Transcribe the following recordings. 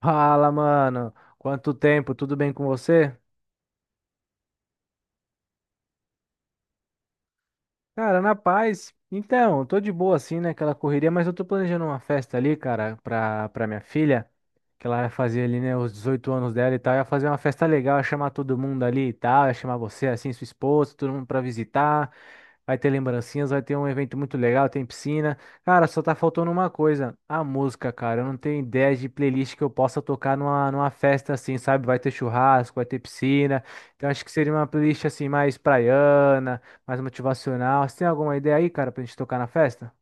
Fala, mano. Quanto tempo? Tudo bem com você? Cara, na paz. Então, eu tô de boa assim, né? Aquela correria, mas eu tô planejando uma festa ali, cara, pra minha filha, que ela vai fazer ali, né, os 18 anos dela e tal. Ia fazer uma festa legal, ia chamar todo mundo ali e tal, ia chamar você, assim, sua esposa, todo mundo pra visitar. Vai ter lembrancinhas, vai ter um evento muito legal, tem piscina. Cara, só tá faltando uma coisa, a música, cara. Eu não tenho ideia de playlist que eu possa tocar numa festa assim, sabe? Vai ter churrasco, vai ter piscina. Então acho que seria uma playlist assim mais praiana mais motivacional. Você tem alguma ideia aí, cara, pra gente tocar na festa?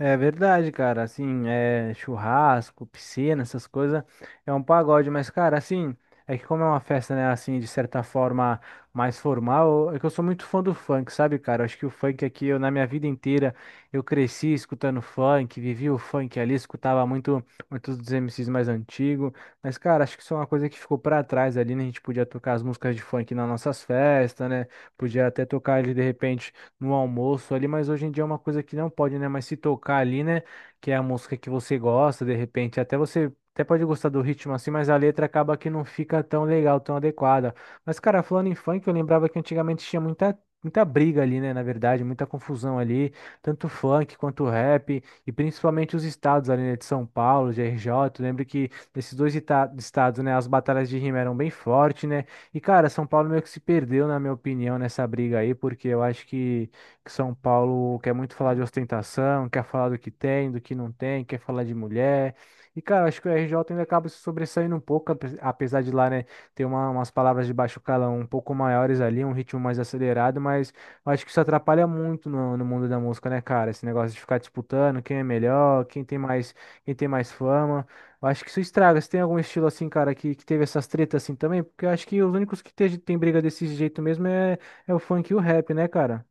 É verdade, cara. Assim, é churrasco, piscina, essas coisas. É um pagode, mas, cara, assim, é que como é uma festa, né, assim, de certa forma mais formal, é que eu sou muito fã do funk, sabe, cara? Eu acho que o funk aqui, eu, na minha vida inteira, eu cresci escutando funk, vivi o funk ali, escutava muito, muitos dos MCs mais antigos. Mas, cara, acho que isso é uma coisa que ficou pra trás ali, né? A gente podia tocar as músicas de funk nas nossas festas, né? Podia até tocar ali de repente. No almoço ali, mas hoje em dia é uma coisa que não pode, né? Mas se tocar ali, né? Que é a música que você gosta, de repente, até você. Até pode gostar do ritmo assim, mas a letra acaba que não fica tão legal, tão adequada. Mas, cara, falando em funk, eu lembrava que antigamente tinha muita, muita briga ali, né? Na verdade, muita confusão ali, tanto funk quanto rap, e principalmente os estados ali, né? De São Paulo, de RJ. Eu lembro que nesses dois estados, né? As batalhas de rima eram bem fortes, né? E, cara, São Paulo meio que se perdeu, na minha opinião, nessa briga aí, porque eu acho que São Paulo quer muito falar de ostentação, quer falar do que tem, do que não tem, quer falar de mulher. E, cara, acho que o RJ ainda acaba se sobressaindo um pouco, apesar de lá, né, ter umas palavras de baixo calão um pouco maiores ali, um ritmo mais acelerado, mas eu acho que isso atrapalha muito no mundo da música, né, cara? Esse negócio de ficar disputando quem é melhor, quem tem mais fama. Eu acho que isso estraga. Você tem algum estilo assim, cara, que teve essas tretas assim também? Porque eu acho que os únicos que tem briga desse jeito mesmo é, é o funk e o rap, né, cara?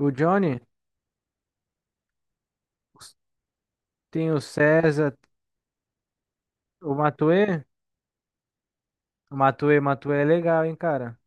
O Johnny, tem o César, o Matuê. O Matuê, Matuê é legal, hein, cara.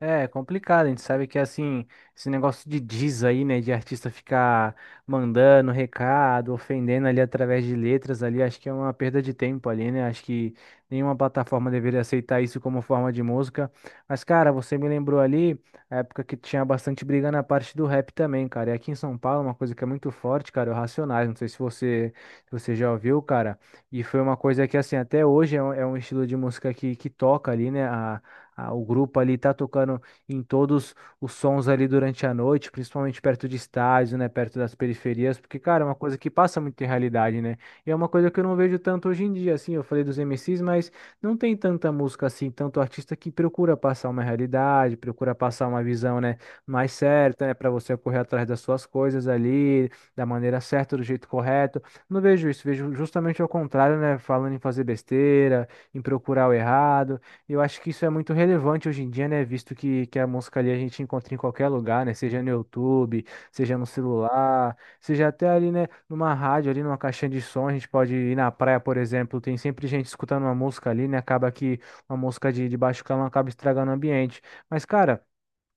É complicado, a gente sabe que assim, esse negócio de diz aí, né, de artista ficar mandando recado, ofendendo ali através de letras ali, acho que é uma perda de tempo ali, né? Acho que nenhuma plataforma deveria aceitar isso como forma de música. Mas, cara, você me lembrou ali a época que tinha bastante briga na parte do rap também, cara. E aqui em São Paulo, é uma coisa que é muito forte, cara, é o Racionais. Não sei se você, se você já ouviu, cara. E foi uma coisa que, assim, até hoje é um estilo de música que toca ali, né? O grupo ali tá tocando em todos os sons ali durante a noite, principalmente perto de estádios, né, perto das periferias, porque, cara, é uma coisa que passa muito em realidade, né? E é uma coisa que eu não vejo tanto hoje em dia, assim, eu falei dos MCs, mas não tem tanta música assim, tanto artista que procura passar uma realidade, procura passar uma visão, né, mais certa, né, para você correr atrás das suas coisas ali, da maneira certa, do jeito correto. Não vejo isso, vejo justamente ao contrário, né, falando em fazer besteira, em procurar o errado. Eu acho que isso é muito relevante hoje em dia, né? Visto que a música ali a gente encontra em qualquer lugar, né? Seja no YouTube, seja no celular, seja até ali, né? Numa rádio, ali numa caixinha de som, a gente pode ir na praia, por exemplo, tem sempre gente escutando uma música ali, né? Acaba que uma música de baixo calão acaba estragando o ambiente. Mas, cara.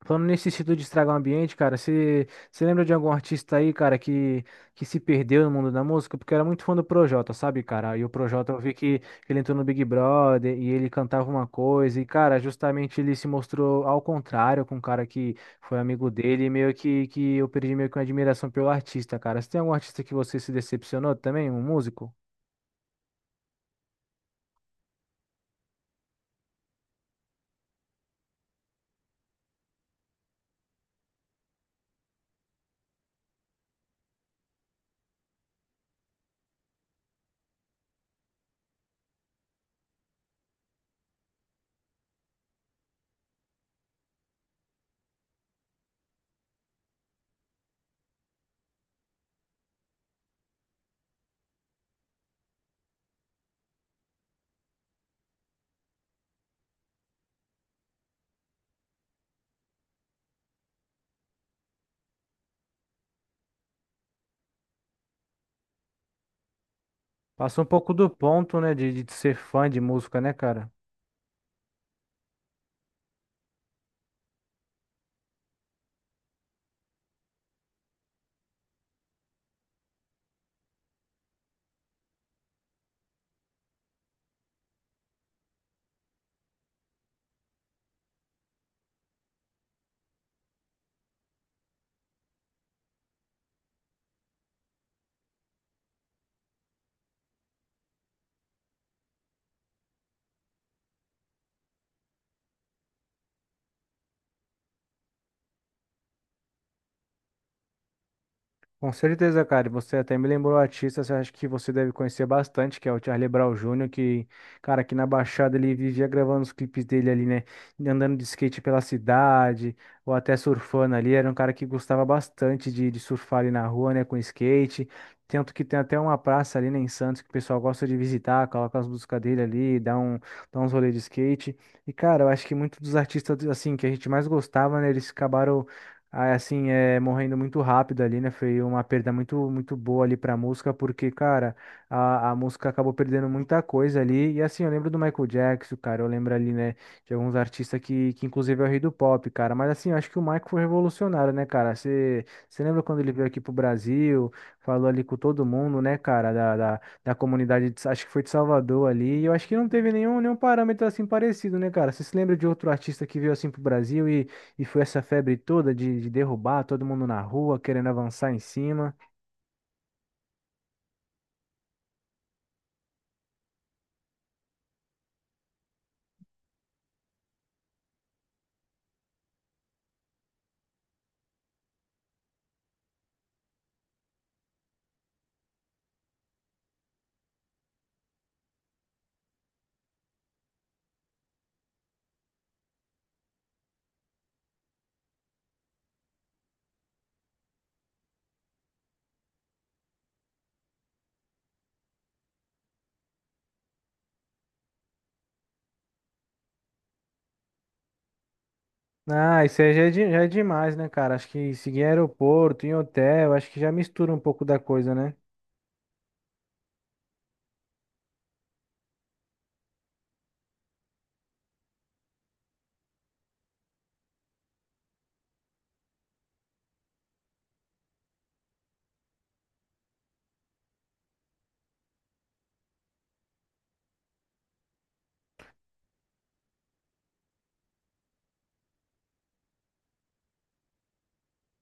Falando nesse sentido de estragar o ambiente, cara, você lembra de algum artista aí, cara, que se perdeu no mundo da música? Porque eu era muito fã do Projota, sabe, cara? E o Projota, eu vi que ele entrou no Big Brother e ele cantava uma coisa, e, cara, justamente ele se mostrou ao contrário com um cara que foi amigo dele, e meio que eu perdi meio que uma admiração pelo artista, cara. Você tem algum artista que você se decepcionou também, um músico? Passou um pouco do ponto, né, de ser fã de música, né, cara? Com certeza, cara. E você até me lembrou artistas, eu acho que você deve conhecer bastante, que é o Charlie Brown Júnior que, cara, aqui na Baixada ele vivia gravando os clipes dele ali, né? Andando de skate pela cidade, ou até surfando ali. Era um cara que gostava bastante de surfar ali na rua, né? Com skate. Tanto que tem até uma praça ali, né, em Santos, que o pessoal gosta de visitar, coloca as músicas dele ali, dá um, dá uns rolês de skate. E, cara, eu acho que muitos dos artistas, assim, que a gente mais gostava, né? Eles acabaram aí, assim, é, morrendo muito rápido ali, né? Foi uma perda muito, muito boa ali pra música, porque, cara, a música acabou perdendo muita coisa ali. E, assim, eu lembro do Michael Jackson, cara, eu lembro ali, né, de alguns artistas que inclusive, é o rei do pop, cara. Mas, assim, eu acho que o Michael foi revolucionário, né, cara? Você lembra quando ele veio aqui pro Brasil, falou ali com todo mundo, né, cara, da comunidade, acho que foi de Salvador ali. E eu acho que não teve nenhum, nenhum parâmetro, assim, parecido, né, cara? Você se lembra de outro artista que veio, assim, pro Brasil e foi essa febre toda de derrubar todo mundo na rua, querendo avançar em cima. Ah, isso aí já é, já é demais, né, cara? Acho que seguir em aeroporto, em hotel, acho que já mistura um pouco da coisa, né?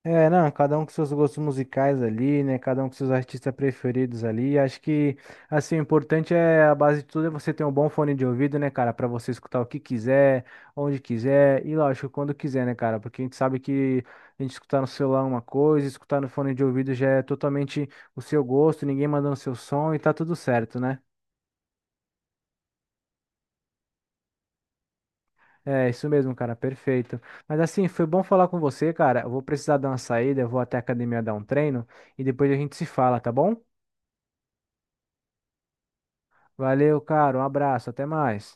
É, não, cada um com seus gostos musicais ali, né? Cada um com seus artistas preferidos ali. Acho que, assim, o importante é, a base de tudo é você ter um bom fone de ouvido, né, cara? Pra você escutar o que quiser, onde quiser e, lógico, quando quiser, né, cara? Porque a gente sabe que a gente escutar no celular é uma coisa, escutar no fone de ouvido já é totalmente o seu gosto, ninguém mandando seu som e tá tudo certo, né? É, isso mesmo, cara, perfeito. Mas assim, foi bom falar com você, cara. Eu vou precisar dar uma saída, eu vou até a academia dar um treino e depois a gente se fala, tá bom? Valeu, cara. Um abraço. Até mais.